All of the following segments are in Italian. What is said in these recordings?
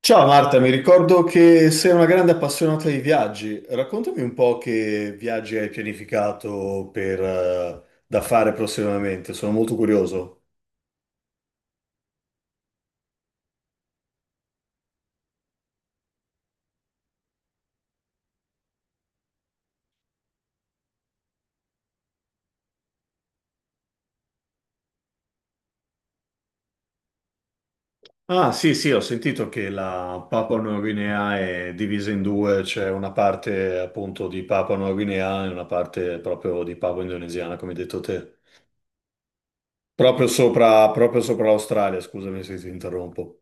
Ciao Marta, mi ricordo che sei una grande appassionata di viaggi. Raccontami un po' che viaggi hai pianificato per, da fare prossimamente, sono molto curioso. Ah, sì, sì, ho sentito che la Papua Nuova Guinea è divisa in due, c'è una parte appunto di Papua Nuova Guinea e una parte proprio di Papua Indonesiana, come hai detto te. Proprio sopra l'Australia, scusami se ti interrompo.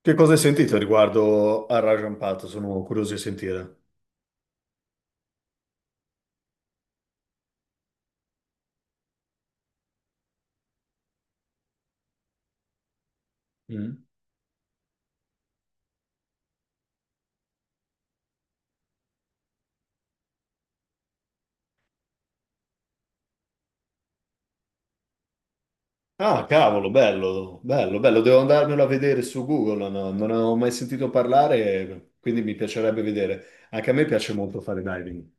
Che cosa hai sentito riguardo al Raja Ampat? Sono curioso di sentire. Mm. Ah, cavolo, bello, bello, bello. Devo andarmelo a vedere su Google, no, non avevo mai sentito parlare, quindi mi piacerebbe vedere. Anche a me piace molto fare diving.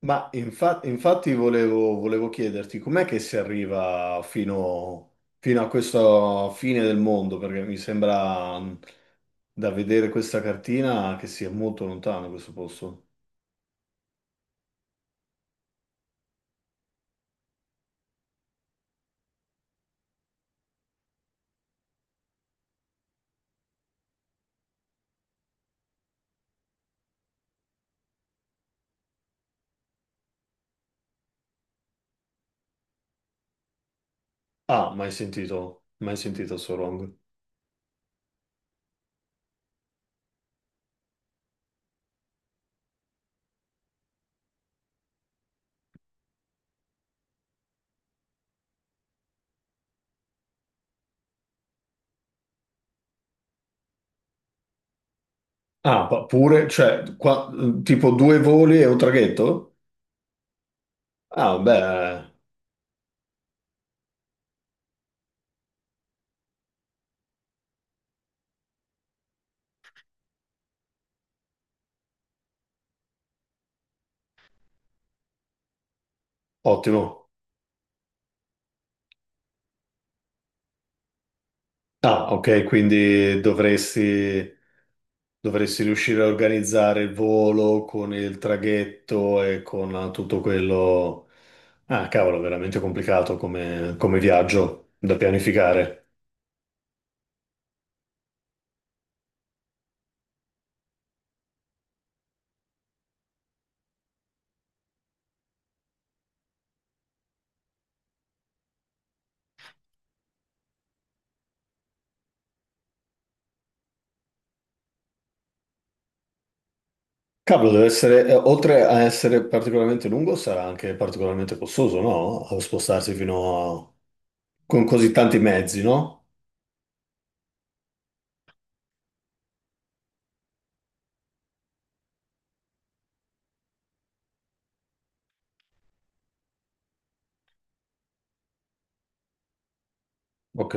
Infatti volevo chiederti, com'è che si arriva fino, fino a questa fine del mondo? Perché mi sembra da vedere questa cartina che sia molto lontano questo posto. Ah, mai sentito, mai sentito Sorong. Ah, pure, cioè, tipo due voli e un traghetto? Ah, beh, ottimo. Ah, ok, quindi dovresti, dovresti riuscire a organizzare il volo con il traghetto e con tutto quello. Ah, cavolo, veramente complicato come, come viaggio da pianificare. Cavolo, deve essere, oltre a essere particolarmente lungo, sarà anche particolarmente costoso, no? A spostarsi fino a... con così tanti mezzi, no? Ok.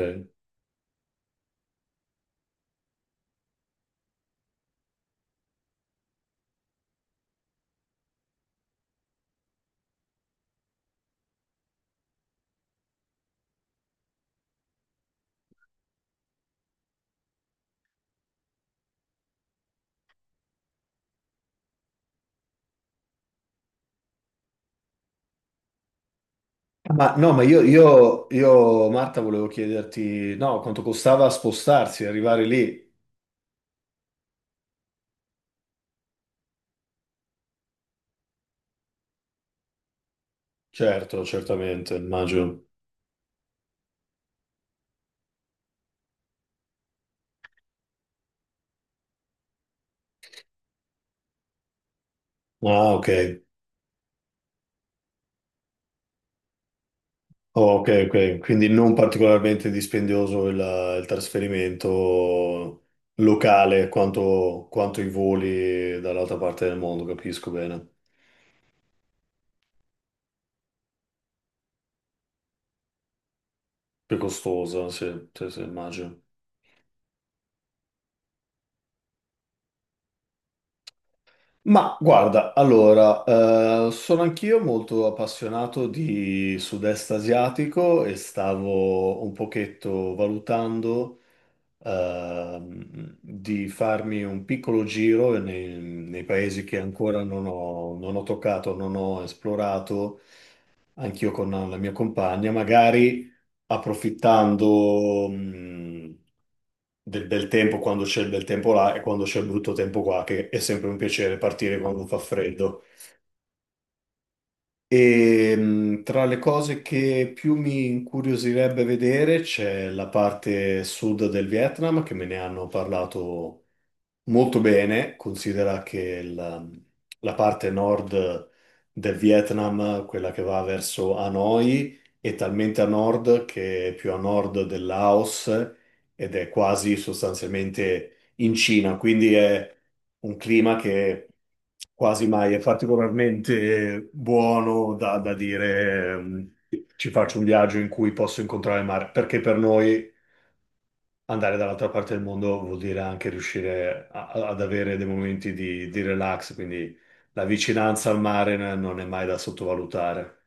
Ma no, ma io, Marta, volevo chiederti, no, quanto costava spostarsi, arrivare lì? Certo, certamente, immagino. Ah, ok. Oh, ok, ok. Quindi non particolarmente dispendioso il trasferimento locale quanto, quanto i voli dall'altra parte del mondo, capisco bene. Più costosa, sì, sì, sì, immagino. Ma guarda, allora, sono anch'io molto appassionato di sud-est asiatico e stavo un pochetto valutando di farmi un piccolo giro nei paesi che ancora non ho toccato, non ho esplorato, anch'io con la mia compagna, magari approfittando, del bel tempo quando c'è il bel tempo là e quando c'è il brutto tempo qua, che è sempre un piacere partire quando fa freddo. E tra le cose che più mi incuriosirebbe vedere c'è la parte sud del Vietnam, che me ne hanno parlato molto bene, considera che la parte nord del Vietnam, quella che va verso Hanoi, è talmente a nord che è più a nord del Laos ed è quasi sostanzialmente in Cina, quindi è un clima che quasi mai è particolarmente buono da, da dire ci faccio un viaggio in cui posso incontrare il mare, perché per noi andare dall'altra parte del mondo vuol dire anche riuscire ad avere dei momenti di relax, quindi la vicinanza al mare non è mai da sottovalutare.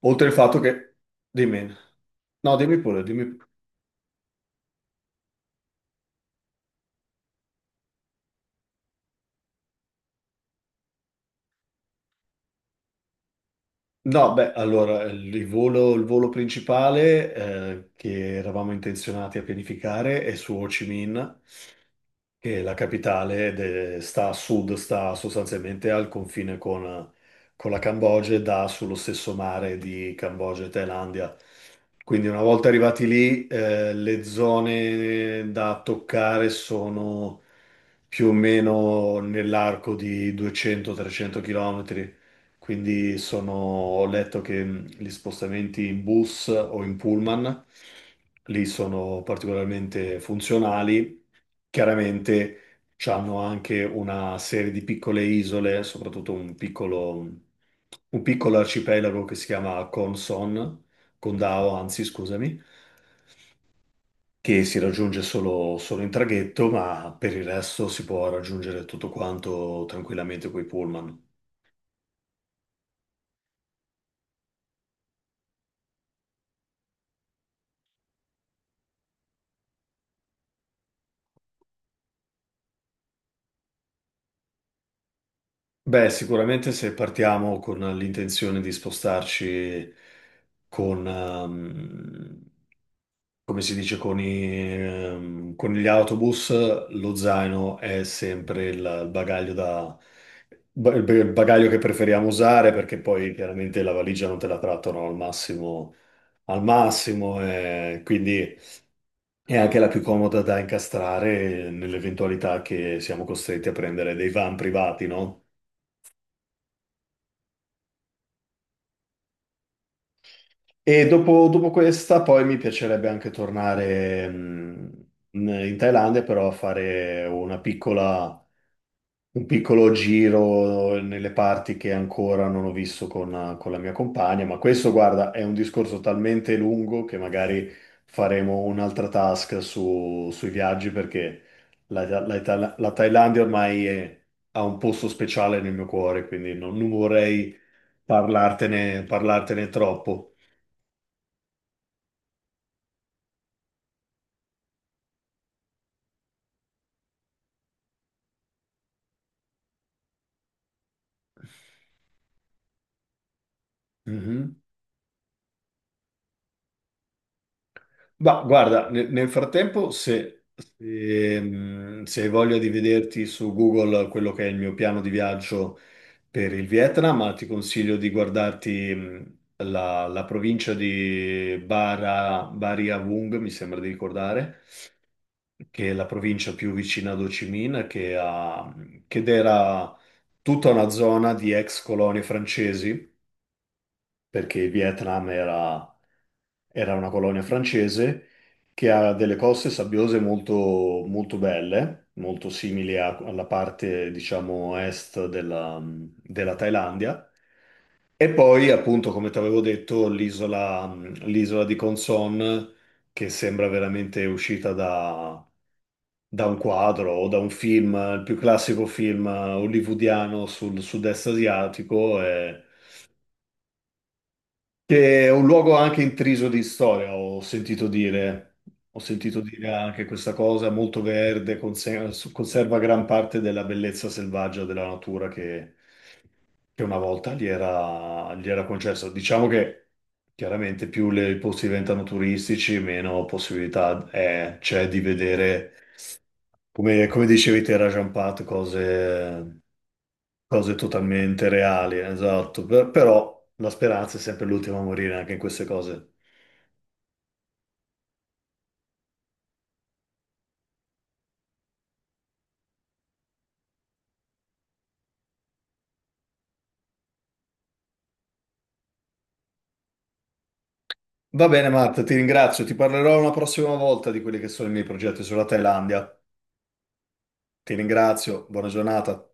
Oltre il fatto che... Dimmi. No, dimmi pure, dimmi. No, beh, allora il volo principale che eravamo intenzionati a pianificare è su Ho Chi Minh che è la capitale, sta a sud, sta sostanzialmente al confine con la Cambogia e dà sullo stesso mare di Cambogia e Thailandia. Quindi una volta arrivati lì, le zone da toccare sono più o meno nell'arco di 200-300 km. Quindi sono, ho letto che gli spostamenti in bus o in pullman lì sono particolarmente funzionali. Chiaramente c'hanno anche una serie di piccole isole, soprattutto un piccolo arcipelago che si chiama Conson, Condao, anzi, scusami, che si raggiunge solo, solo in traghetto, ma per il resto si può raggiungere tutto quanto tranquillamente coi pullman. Beh, sicuramente se partiamo con l'intenzione di spostarci con, come si dice con, con gli autobus, lo zaino è sempre il bagaglio da, il bagaglio che preferiamo usare perché poi chiaramente la valigia non te la trattano al massimo e quindi è anche la più comoda da incastrare nell'eventualità che siamo costretti a prendere dei van privati, no? E dopo, dopo questa poi mi piacerebbe anche tornare in Thailandia, però a fare una piccola un piccolo giro nelle parti che ancora non ho visto con la mia compagna, ma questo, guarda, è un discorso talmente lungo che magari faremo un'altra task sui viaggi perché la, la Thailandia ormai ha un posto speciale nel mio cuore, quindi non, non vorrei parlartene, parlartene troppo. Mhm. Ma guarda, nel frattempo, se, se, se hai voglia di vederti su Google quello che è il mio piano di viaggio per il Vietnam, ma ti consiglio di guardarti la, la provincia di Bara, Bari a Vung, mi sembra di ricordare, che è la provincia più vicina ad Ho Chi Minh, che, che era tutta una zona di ex colonie francesi perché il Vietnam era, era una colonia francese che ha delle coste sabbiose molto, molto belle, molto simili alla parte, diciamo, est della, della Thailandia. E poi, appunto, come ti avevo detto, l'isola l'isola di Con Son, che sembra veramente uscita da, da un quadro o da un film, il più classico film hollywoodiano sul sud-est asiatico. E che è un luogo anche intriso di storia, ho sentito dire anche questa cosa, molto verde, conserva gran parte della bellezza selvaggia della natura che una volta gli era concessa. Diciamo che chiaramente più i posti diventano turistici, meno possibilità c'è di vedere, come, come dicevi te, Rajan Pat, cose, cose totalmente reali, esatto. Però la speranza è sempre l'ultima a morire anche in queste cose. Va bene, Matt, ti ringrazio. Ti parlerò una prossima volta di quelli che sono i miei progetti sulla Thailandia. Ti ringrazio, buona giornata.